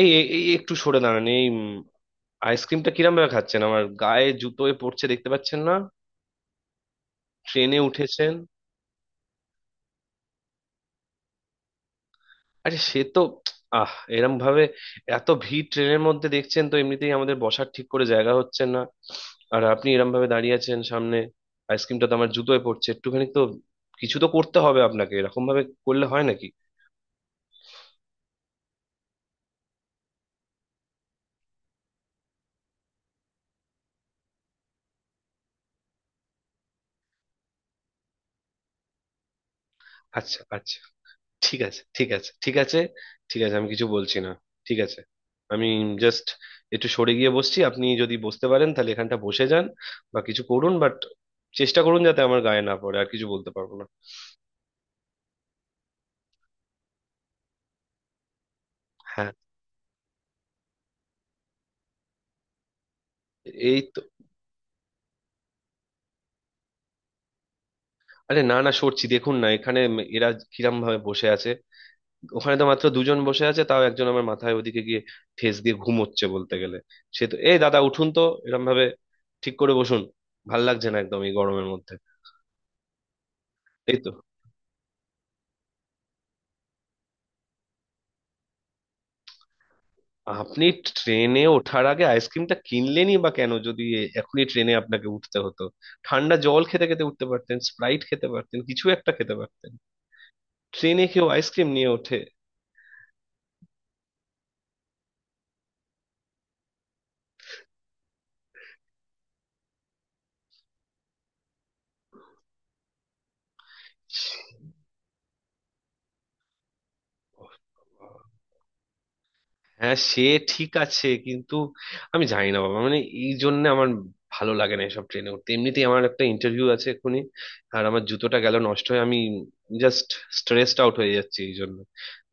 এই এই এই একটু সরে দাঁড়ান! এই আইসক্রিমটা কিরম ভাবে খাচ্ছেন? আমার গায়ে, জুতোয় পড়ছে, দেখতে পাচ্ছেন না? ট্রেনে উঠেছেন। আরে সে তো আহ এরম ভাবে! এত ভিড় ট্রেনের মধ্যে, দেখছেন তো, এমনিতেই আমাদের বসার ঠিক করে জায়গা হচ্ছে না, আর আপনি এরম ভাবে দাঁড়িয়ে আছেন সামনে। আইসক্রিমটা তো আমার জুতোয় পড়ছে, একটুখানি তো কিছু তো করতে হবে আপনাকে, এরকম ভাবে করলে হয় নাকি? আচ্ছা আচ্ছা, ঠিক আছে ঠিক আছে ঠিক আছে, ঠিক আছে আমি কিছু বলছি না। ঠিক আছে, আমি জাস্ট একটু সরে গিয়ে বসছি, আপনি যদি বসতে পারেন তাহলে এখানটা বসে যান বা কিছু করুন, বাট চেষ্টা করুন যাতে আমার গায়ে না পড়ে, আর কিছু বলতে পারবো না। হ্যাঁ, এই তো। আরে না না, সরছি, দেখুন না এখানে এরা কিরম ভাবে বসে আছে! ওখানে তো মাত্র দুজন বসে আছে, তাও একজন আমার মাথায় ওদিকে গিয়ে ঠেস দিয়ে ঘুমোচ্ছে বলতে গেলে। সে তো, এই দাদা, উঠুন তো! এরম ভাবে ঠিক করে বসুন, ভাল লাগছে না একদম এই গরমের মধ্যে। এই তো, আপনি ট্রেনে ওঠার আগে আইসক্রিমটা কিনলেনই বা কেন, যদি এখনই ট্রেনে আপনাকে উঠতে হতো? ঠান্ডা জল খেতে খেতে উঠতে পারতেন, স্প্রাইট খেতে পারতেন, কিছু একটা খেতে পারতেন। ট্রেনে কেউ আইসক্রিম নিয়ে ওঠে? হ্যাঁ সে ঠিক আছে, কিন্তু আমি জানি না বাবা, মানে এই জন্য আমার ভালো লাগে না এসব ট্রেনে উঠতে, এমনিতেই আমার একটা ইন্টারভিউ আছে এক্ষুনি, আর আমার জুতোটা গেল নষ্ট হয়ে। আমি জাস্ট স্ট্রেসড আউট হয়ে যাচ্ছি এই জন্য।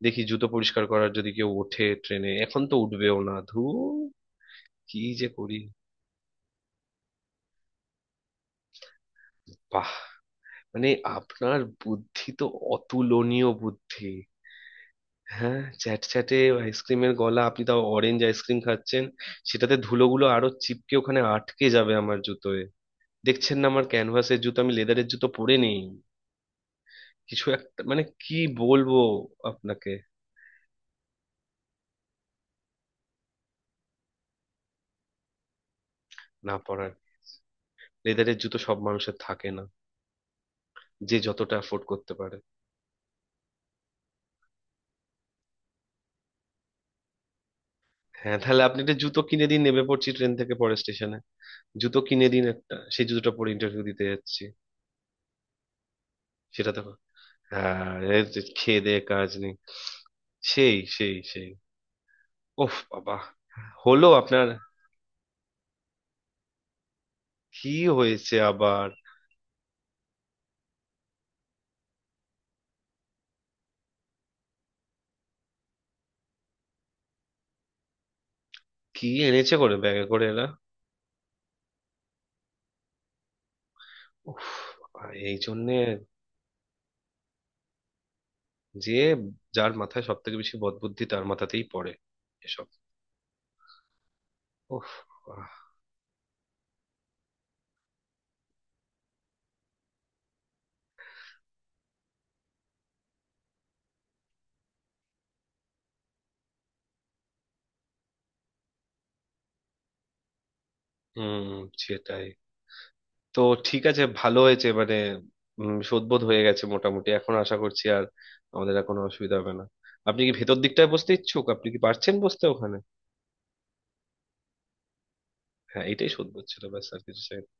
দেখি জুতো পরিষ্কার করার যদি কেউ ওঠে ট্রেনে, এখন তো উঠবেও না, ধু, কি যে করি! বাহ, মানে আপনার বুদ্ধি তো অতুলনীয় বুদ্ধি! হ্যাঁ, চ্যাট চ্যাটে আইসক্রিমের গলা, আপনি তাও অরেঞ্জ আইসক্রিম খাচ্ছেন, সেটাতে ধুলোগুলো আরো চিপকে ওখানে আটকে যাবে আমার জুতোয়। দেখছেন না আমার ক্যানভাসের জুতো, আমি লেদারের জুতো পরে নেই, কিছু একটা মানে কি বলবো আপনাকে। না, পরার লেদারের জুতো সব মানুষের থাকে না, যে যতটা অ্যাফোর্ড করতে পারে। হ্যাঁ, তাহলে আপনি একটা জুতো কিনে দিন, নেমে পড়ছি ট্রেন থেকে পরের স্টেশনে, জুতো কিনে দিন একটা, সেই জুতোটা পরে ইন্টারভিউ দিতে যাচ্ছি। সেটা তো, হ্যাঁ এই যে, খেয়ে দেয়ে কাজ নেই! সেই সেই সেই, ওফ বাবা! হলো আপনার? কি হয়েছে আবার? কি এনেছে করে ব্যাগে করে এরা! উফ, এই জন্যে যে, যার মাথায় সব থেকে বেশি বদবুদ্ধি তার মাথাতেই পড়ে এসব। উফ। আহ, হুম, সেটাই তো। ঠিক আছে, ভালো হয়েছে মানে, শোধবোধ হয়ে গেছে মোটামুটি, এখন আশা করছি আর আমাদের আর কোনো অসুবিধা হবে না। আপনি কি ভেতর দিকটায় বসতে ইচ্ছুক? আপনি কি পারছেন বসতে ওখানে? হ্যাঁ, এটাই শোধবোধ ছিল, ব্যাস আর কিছু চাই না।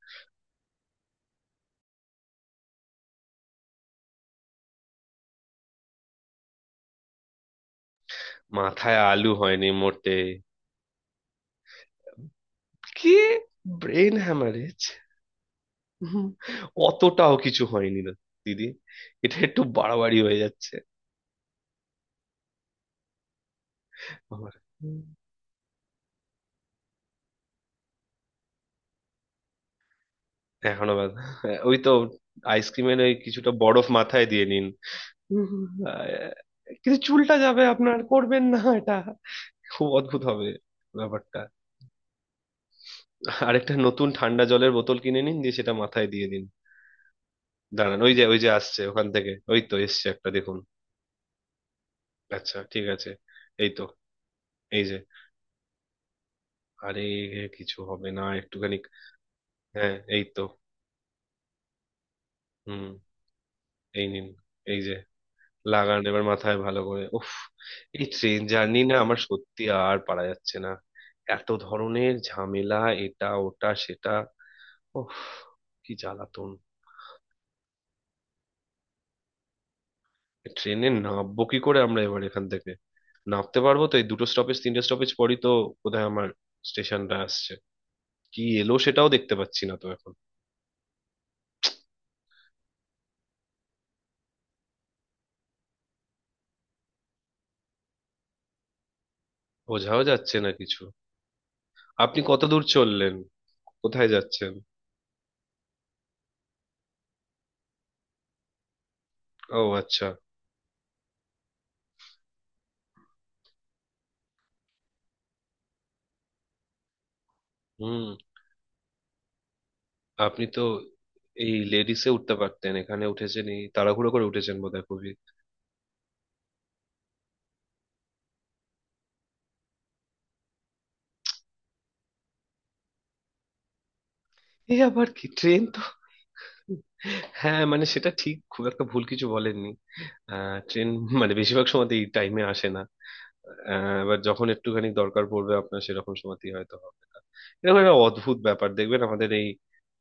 মাথায় আলু হয়নি মোটে। কি? Brain haemorrhage? অতটাও কিছু হয়নি না, দিদি, এটা একটু বাড়াবাড়ি হয়ে যাচ্ছে। আমার এখনো ওই তো আইসক্রিমের ওই কিছুটা বরফ মাথায় দিয়ে নিন। আহ, কিন্তু চুলটা যাবে আপনার, করবেন না এটা, খুব অদ্ভুত হবে ব্যাপারটা। আরেকটা নতুন ঠান্ডা জলের বোতল কিনে নিন, দিয়ে সেটা মাথায় দিয়ে দিন। দাঁড়ান, ওই যে ওই যে আসছে ওখান থেকে, ওই তো এসছে একটা, দেখুন। আচ্ছা ঠিক আছে, এই তো, এই যে। আরে কিছু হবে না একটুখানি। হ্যাঁ এই তো। হুম, এই নিন, এই যে। লাগান এবার মাথায় ভালো করে। উফ, এই ট্রেন জার্নি না আমার, সত্যি আর পারা যাচ্ছে না, এত ধরনের ঝামেলা, এটা ওটা সেটা, উফ কি জ্বালাতন! ট্রেনে নামবো কি করে আমরা এবার এখান থেকে? নামতে পারবো তো? এই দুটো স্টপেজ তিনটে স্টপেজ পরই তো বোধহয় আমার স্টেশনটা আসছে, কি এলো সেটাও দেখতে পাচ্ছি না তো এখন। বোঝাও যাচ্ছে না কিছু। আপনি কত দূর চললেন? কোথায় যাচ্ছেন? ও আচ্ছা। হুম। আপনি তো এই লেডিসে উঠতে পারতেন, এখানে উঠেছেন, এই তাড়াহুড়ো করে উঠেছেন বোধহয় খুবই। এই আবার কি, ট্রেন তো! হ্যাঁ মানে সেটা ঠিক, খুব একটা ভুল কিছু বলেননি। ট্রেন মানে বেশিরভাগ সময় এই টাইমে আসে না, এবার যখন একটুখানি দরকার পড়বে আপনার, সেরকম সময়তেই হয়তো হবে না। এরকম একটা অদ্ভুত ব্যাপার দেখবেন আমাদের এই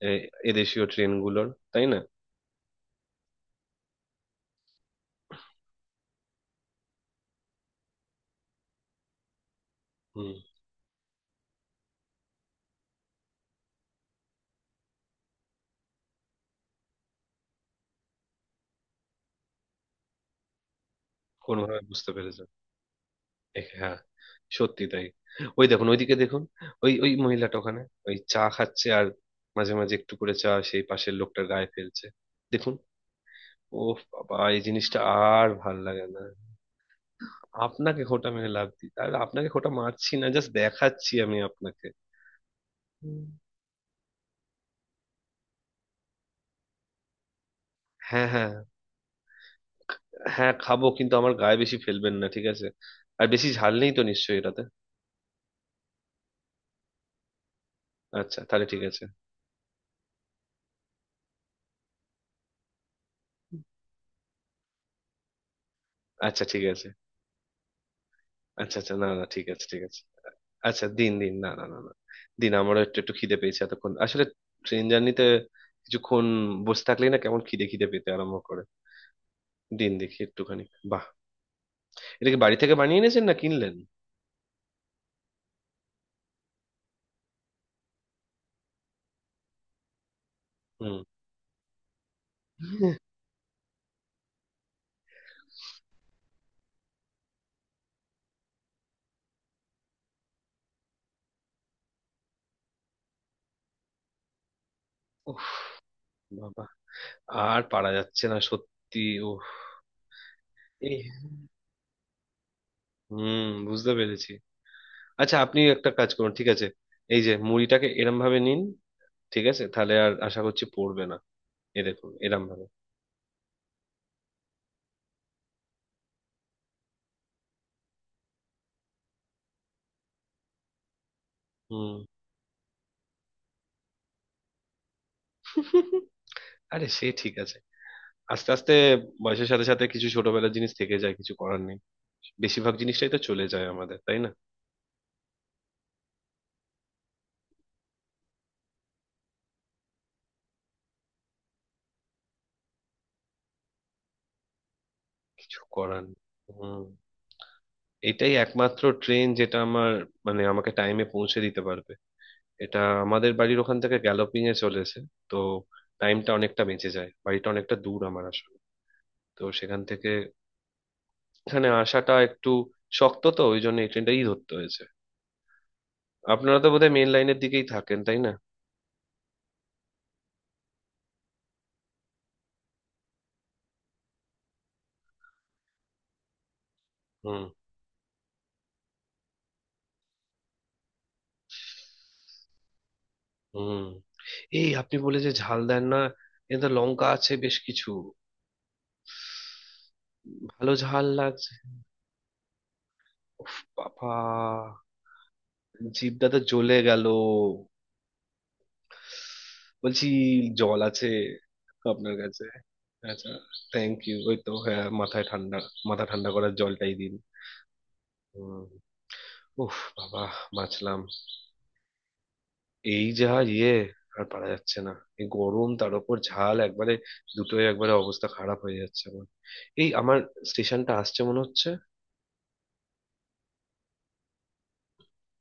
এ- এদেশীয় ট্রেনগুলোর, তাই না? হুম। কোনোভাবে বুঝতে পেরেছেন? হ্যাঁ, সত্যি তাই। ওই দেখুন, ওইদিকে দেখুন, ওই ওই মহিলাটা ওখানে, ওই চা খাচ্ছে আর মাঝে মাঝে একটু করে চা সেই পাশের লোকটার গায়ে ফেলছে, দেখুন। ও বাবা, এই জিনিসটা আর ভাল লাগে না! আপনাকে খোঁটা মেরে লাভ দিই আর, আপনাকে খোঁটা মারছি না, জাস্ট দেখাচ্ছি আমি আপনাকে। হুম। হ্যাঁ হ্যাঁ, হ্যাঁ খাবো কিন্তু আমার গায়ে বেশি ফেলবেন না, ঠিক আছে? আর বেশি ঝাল নেই তো নিশ্চয়ই এটাতে? আচ্ছা তাহলে ঠিক আছে। আচ্ছা ঠিক আছে। আচ্ছা আচ্ছা, না না, ঠিক আছে ঠিক আছে। আচ্ছা দিন দিন, না না না না, দিন, আমারও একটু একটু খিদে পেয়েছে এতক্ষণ, আসলে ট্রেন জার্নিতে কিছুক্ষণ বসে থাকলেই না কেমন খিদে খিদে পেতে আরম্ভ করে। দিন দেখি একটুখানি। বাহ, এটা কি বাড়ি থেকে বানিয়ে এনেছেন না কিনলেন? হুম। উফ বাবা, আর পারা যাচ্ছে না সত্যি। ও, এই হুম, বুঝতে পেরেছি। আচ্ছা আপনি একটা কাজ করুন, ঠিক আছে, এই যে মুড়িটাকে এরম ভাবে নিন, ঠিক আছে, তাহলে আর আশা করছি পড়বে না। এ দেখুন এরম ভাবে। হুম। আরে সে ঠিক আছে, আস্তে আস্তে বয়সের সাথে সাথে কিছু ছোটবেলার জিনিস থেকে যায়, কিছু করার নেই। বেশিরভাগ জিনিসটাই তো চলে যায় আমাদের, তাই না? কিছু করার নেই। হুম, এটাই একমাত্র ট্রেন যেটা আমার, মানে আমাকে টাইমে পৌঁছে দিতে পারবে। এটা আমাদের বাড়ির ওখান থেকে গ্যালোপিং এ চলেছে, তো টাইমটা অনেকটা বেঁচে যায়, বাড়িটা অনেকটা দূর আমার আসলে, তো সেখান থেকে এখানে আসাটা একটু শক্ত, তো ওই জন্য এই ট্রেনটাই ধরতে হয়েছে। আপনারা তো বোধহয় মেন লাইনের দিকেই থাকেন, তাই না? হুম। হুম। এই আপনি বলে যে ঝাল দেন না, এতে লঙ্কা আছে বেশ কিছু। ভালো ঝাল লাগছে, উফ বাবা, জিভটা তো জ্বলে গেল! বলছি জল আছে আপনার কাছে? আচ্ছা, থ্যাংক ইউ। ওই তো, হ্যাঁ মাথায় ঠান্ডা, মাথা ঠান্ডা করার জলটাই দিন। হুম। উফ বাবা, বাঁচলাম! এই যা, ইয়ে, আর পারা যাচ্ছে না, এই গরম তার উপর ঝাল একবারে, দুটোই একবারে, অবস্থা খারাপ হয়ে যাচ্ছে আমার। এই আমার স্টেশনটা আসছে মনে হচ্ছে।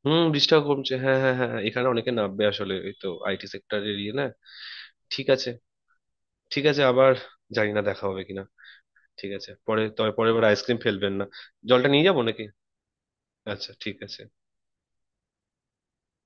হুম, বৃষ্টিটাও কমছে, হ্যাঁ হ্যাঁ হ্যাঁ হ্যাঁ, এখানে অনেকে নামবে আসলে, এই তো আইটি সেক্টরের ইয়ে না। ঠিক আছে, ঠিক আছে, আবার জানি না দেখা হবে কিনা, ঠিক আছে পরে, তবে পরের বার আইসক্রিম ফেলবেন না। জলটা নিয়ে যাবো নাকি? আচ্ছা ঠিক আছে।